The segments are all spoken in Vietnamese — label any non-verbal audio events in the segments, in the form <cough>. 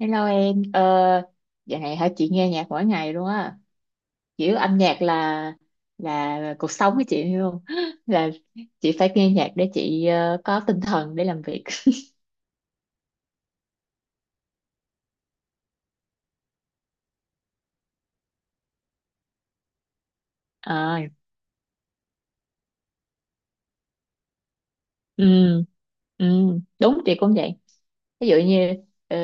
Hello em. Ờ, dạo này hả chị nghe nhạc mỗi ngày luôn á, kiểu âm nhạc là cuộc sống của chị luôn, <gasps> <laughs> là chị phải nghe nhạc để chị có tinh thần để làm việc. À, ừ, ừ, đúng chị cũng vậy. Ví dụ như ờ,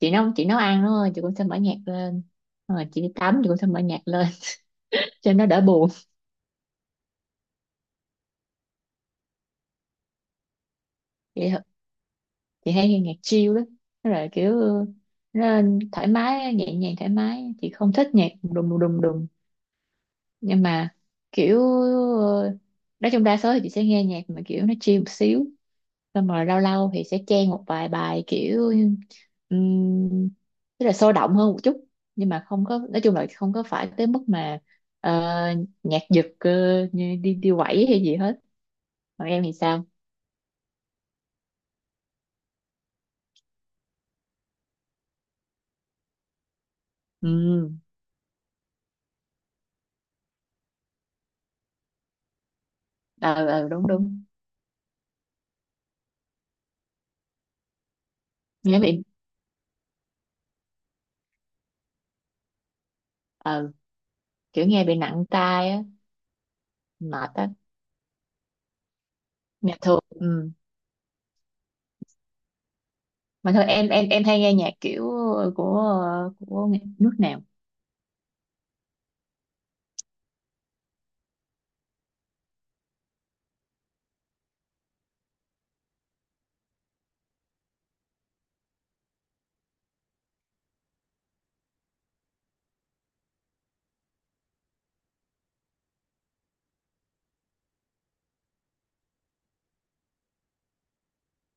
chị nấu nấu ăn đúng không? Chị cũng sẽ mở nhạc lên, rồi chị đi tắm chị cũng sẽ mở nhạc lên <laughs> cho nó đỡ buồn. Chị chị hay nghe nhạc chill đó, nó là kiểu nó thoải mái nhẹ nhàng thoải mái. Chị không thích nhạc đùng đùng đùng đùng nhưng mà kiểu, ờ, nói chung đa số thì chị sẽ nghe nhạc mà kiểu nó chill một xíu, xong rồi lâu lâu thì sẽ chen một vài bài kiểu, um, tức là sôi động hơn một chút, nhưng mà không có, nói chung là không có phải tới mức mà ờ, nhạc giật như đi đi quẩy hay gì hết. Còn em thì sao? Ừ. Ờ ờ, đúng đúng. Nghe bị, ờ, kiểu nghe bị nặng tai á, mệt á, nhạc thường. Ừ, mà thôi, em hay nghe nhạc kiểu của của nghệ- nước nào?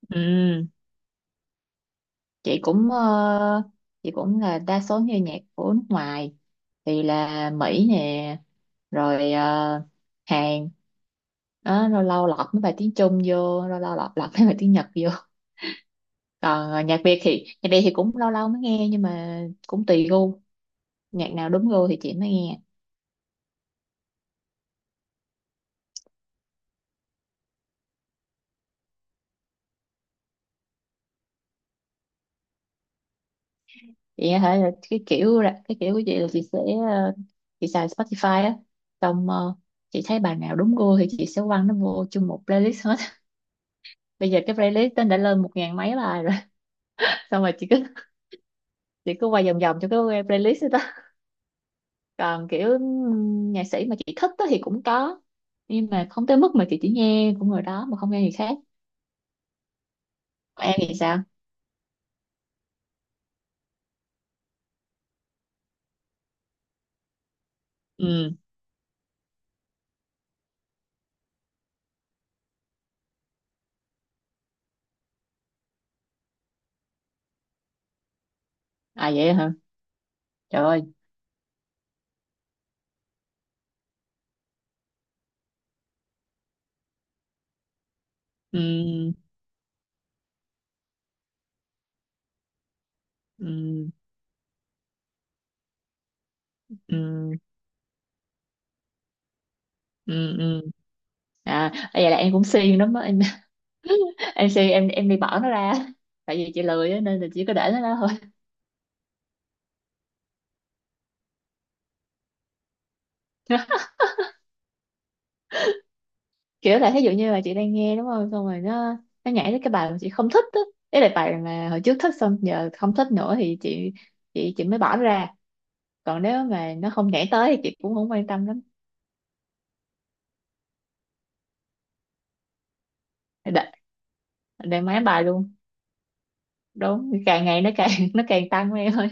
Ừ. Chị cũng, chị cũng là đa số nghe nhạc của nước ngoài, thì là Mỹ nè, rồi Hàn đó, lâu lâu lọt mấy bài tiếng Trung vô, lâu lâu lọt lọt mấy bài tiếng Nhật vô. Còn nhạc Việt thì, nhạc Việt thì cũng lâu lâu mới nghe, nhưng mà cũng tùy gu, nhạc nào đúng gu thì chị mới nghe. Vậy hả? Là- cái kiểu của chị là chị sẽ, ờ, chị xài Spotify á, xong chị thấy bài nào đúng gu thì chị sẽ quăng nó vô chung một playlist hết. <laughs> Bây giờ cái playlist nó đã lên một ngàn mấy bài rồi. <laughs> Xong rồi chị cứ quay vòng vòng cho cái playlist đó. Còn kiểu, nhạc sĩ mà chị thích á thì cũng có, nhưng mà không tới mức mà chị chỉ nghe của người đó mà không nghe người khác. Còn em thì sao? Ừ. À vậy hả? Trời ơi. Ừ, ừ, ừ, ừ, ừ, ừ. À vậy là em cũng siêng lắm á, em MC em đi bỏ nó ra. Tại vì chị lười á, nên là chỉ có để nó đó thôi. <laughs> Kiểu là thí dụ như là chị đang nghe đúng không, xong rồi nó nhảy tới cái bài mà chị không thích á, đấy là bài mà hồi trước thích xong giờ không thích nữa, thì chị mới bỏ nó ra. Còn nếu mà nó không nhảy tới thì chị cũng không quan tâm lắm. để, để máy bài luôn. Đúng, càng ngày nó càng <laughs> nó càng tăng em ơi.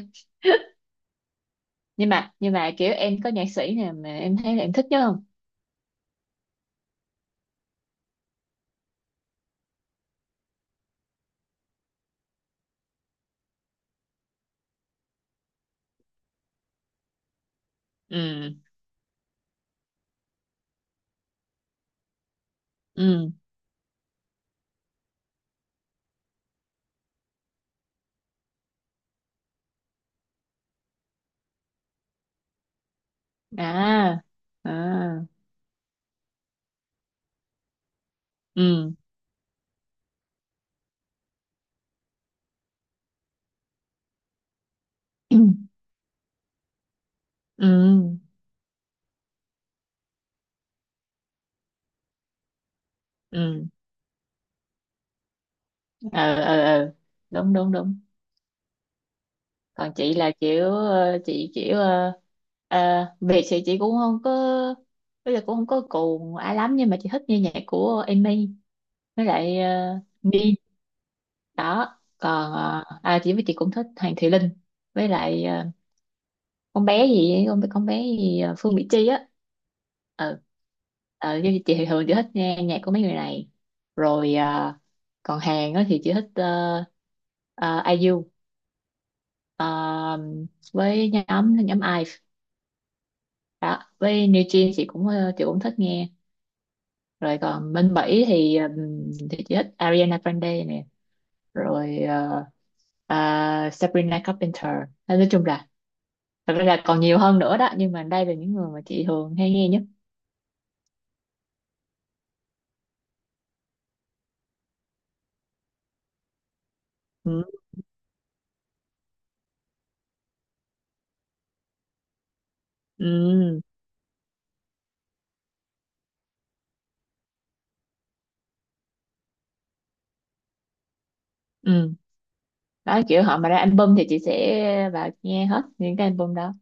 Nhưng mà kiểu em có nhạc sĩ nào mà em thấy là em thích nhất không? Ừ, ừ, à, à, ừ. <clears throat> Ừ, ừ, ờ ờ ờ, đúng đúng đúng. Còn chị là kiểu, ờ, chị kiểu ờ, ờ, biệt thì chị cũng không có, bây giờ cũng không có cuồng ai lắm, nhưng mà chị thích nghe nhạc của Amy, với lại Min đó. Còn chị, với chị cũng thích Hoàng Thùy Linh, với lại con bé gì ấy, con bé gì, Phương Mỹ Chi á. Ừ. Ờ chứ chị thì thường chị thích nghe nhạc của mấy người này, rồi còn Hàn á thì chị thích, uh, Ờ, với nhóm nhóm Ive đó. Với New Jeans chị cũng, chị cũng thích nghe. Rồi còn bên Mỹ thì, thì chị thích Ariana Grande nè, rồi ờ, Sabrina Carpenter. Nên nói chung là, thật ra là còn nhiều hơn nữa đó, nhưng mà đây là những người mà chị thường hay nghe nhất. Ừ. Ừ. Ừ. Đó, kiểu họ mà ra album thì chị sẽ vào nghe hết những cái album đó,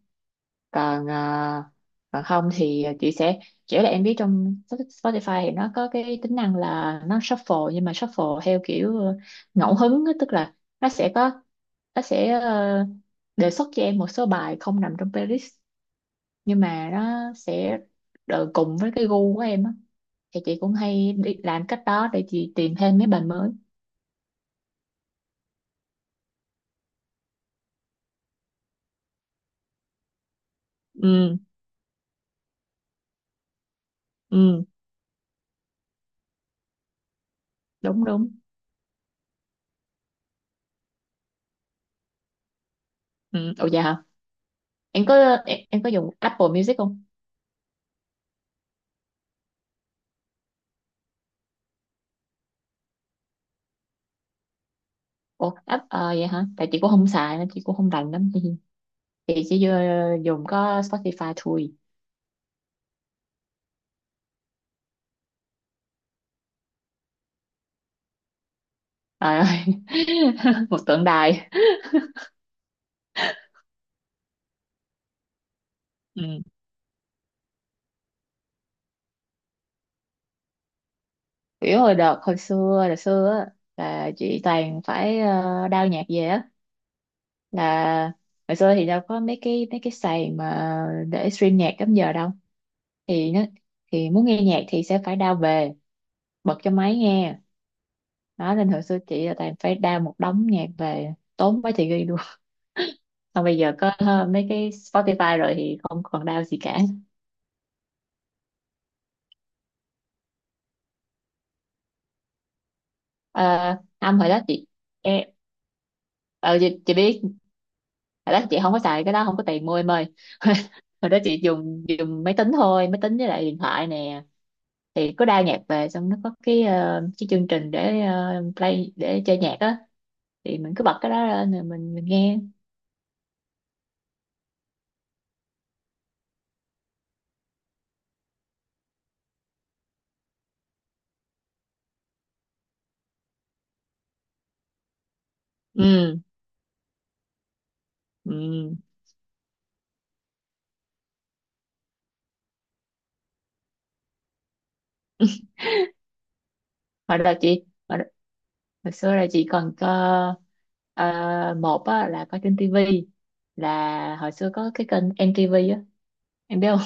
còn còn không thì chị sẽ, kiểu là em biết trong Spotify thì nó có cái tính năng là nó shuffle, nhưng mà shuffle theo kiểu, ngẫu hứng á, tức là nó sẽ có, nó sẽ đề xuất cho em một số bài không nằm trong playlist, nhưng mà nó sẽ đờ- cùng với cái gu của em á, thì chị cũng hay đi làm cách đó để chị tìm thêm mấy bài mới. Ừ, ừ, đúng đúng. Ừ, ồ, dạ hả? Em có, em có dùng Apple Music không? Ủa, app, vậy hả? Tại chị cũng không xài nên chị cũng không rành lắm. <laughs> Chị chỉ vô- dùng có Spotify thôi. Trời ơi. <laughs> Một tượng đài. Ừ. Kiểu hồi đợt hồi xưa á, là chị toàn phải, đao nhạc về á. Là hồi xưa thì đâu có mấy cái, mấy cái sàn mà để stream nhạc lắm giờ đâu. Thì nó, thì muốn nghe nhạc thì sẽ phải đao về, bật cho máy nghe. Đó nên hồi xưa chị là toàn phải đao một đống nhạc về, tốn mấy chị ghi. Còn bây giờ có mấy cái Spotify rồi thì không còn đau gì cả. À, Âm hồi đó chị, em, chị biết hồi đó chị không có xài cái đó, không có tiền mua em ơi. <laughs> Hồi đó chị dùng dùng máy tính thôi, máy tính với lại điện thoại nè. Thì có đa nhạc về, xong nó có cái, cái chương trình để, play để chơi nhạc á, thì mình cứ bật cái đó lên rồi mình nghe. Ừ. Ừ. Hồi đó chị, hồi xưa là chị còn có, ờ, một á, là có trên tivi, là hồi xưa có cái kênh MTV á, em biết không?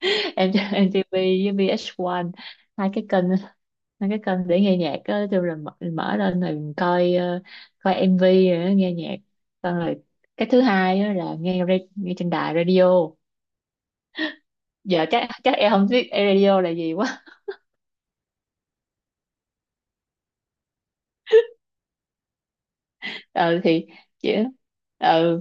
<laughs> Em MTV với VH1, hai cái kênh, hai cái kênh để nghe nhạc á, kêu là mở, mở lên rồi coi, coi MV rồi á, nghe nhạc, xong rồi cái thứ hai á là nghe ra- nghe trên đài radio. Giờ chắc chắc em không biết radio là gì quá. <laughs> Ừ thì chỉ, ừ,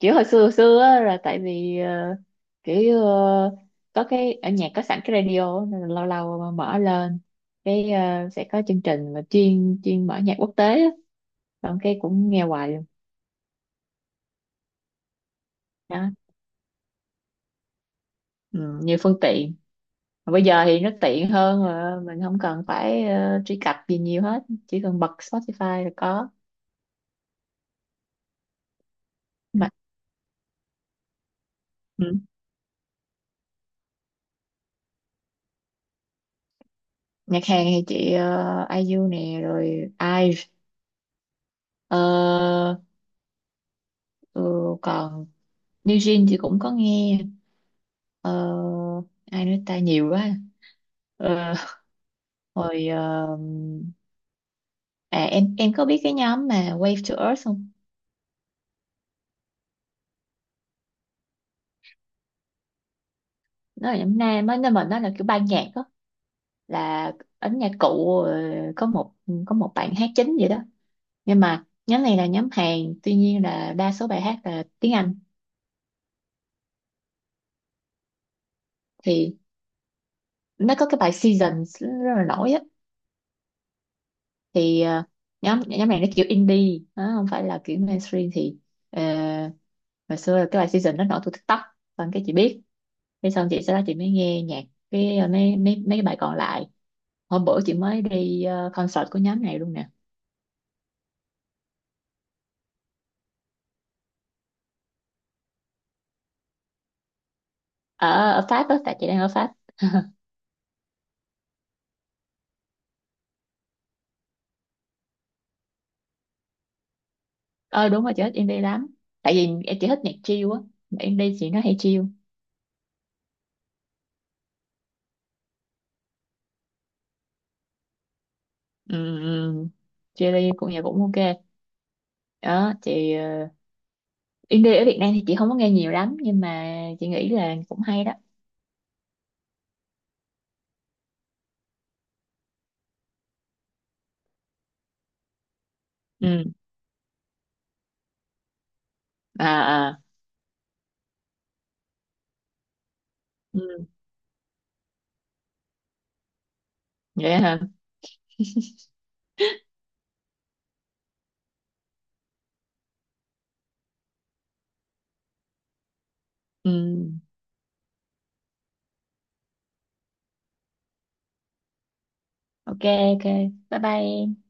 kiểu hồi xưa, hồi xưa á, là tại vì, kiểu ờ, có cái ở nhà có sẵn cái radio á, nên là lâu lâu mà mở lên cái, sẽ có chương trình mà chuyên chuyên mở nhạc quốc tế á. Xong cái cũng nghe hoài luôn. Đó, ừ, như phương tiện. Mà bây giờ thì nó tiện hơn, mà mình không cần phải truy cập gì nhiều hết, chỉ cần bật Spotify là có mà. Ừ. Nhạc Hàn thì chị, ai IU nè, rồi IVE, ờ, ừ, còn New Jeans thì cũng có nghe. Ờ, ai nói ta nhiều quá. Ờ, hồi ờ, à em có biết cái nhóm mà Wave to Earth không? Nó là nhóm nam á, nên mà nó là kiểu ban nhạc đó, là ấn nhạc cụ, có một có một bạn hát chính vậy đó, nhưng mà nhóm này là nhóm Hàn, tuy nhiên là đa số bài hát là tiếng Anh. Thì nó có cái bài Seasons rất là nổi á. Thì ờ, nhóm nhóm này nó kiểu indie, nó không phải là kiểu mainstream, thì ờ, hồi xưa là cái bài Season nó nổi từ TikTok, xong cái chị biết. Thế xong chị, sau đó chị mới nghe nhạc cái, ờ, mấy mấy mấy cái bài còn lại. Hôm bữa chị mới đi concert của nhóm này luôn nè. Ở, ở Pháp á, tại chị đang ở Pháp. <laughs> Ờ đúng rồi, chị thích indie lắm, tại vì chị thích nhạc chill á, mà indie chị nó hay chill. um, Chill cũng nhạc cũng ok đó chị. Ờ, Indie ở Việt Nam thì chị không có nghe nhiều lắm, nhưng mà chị nghĩ là cũng hay đó. Ừ, à à, ừ, vậy hả, ừ. Ok, ok, bye bye em.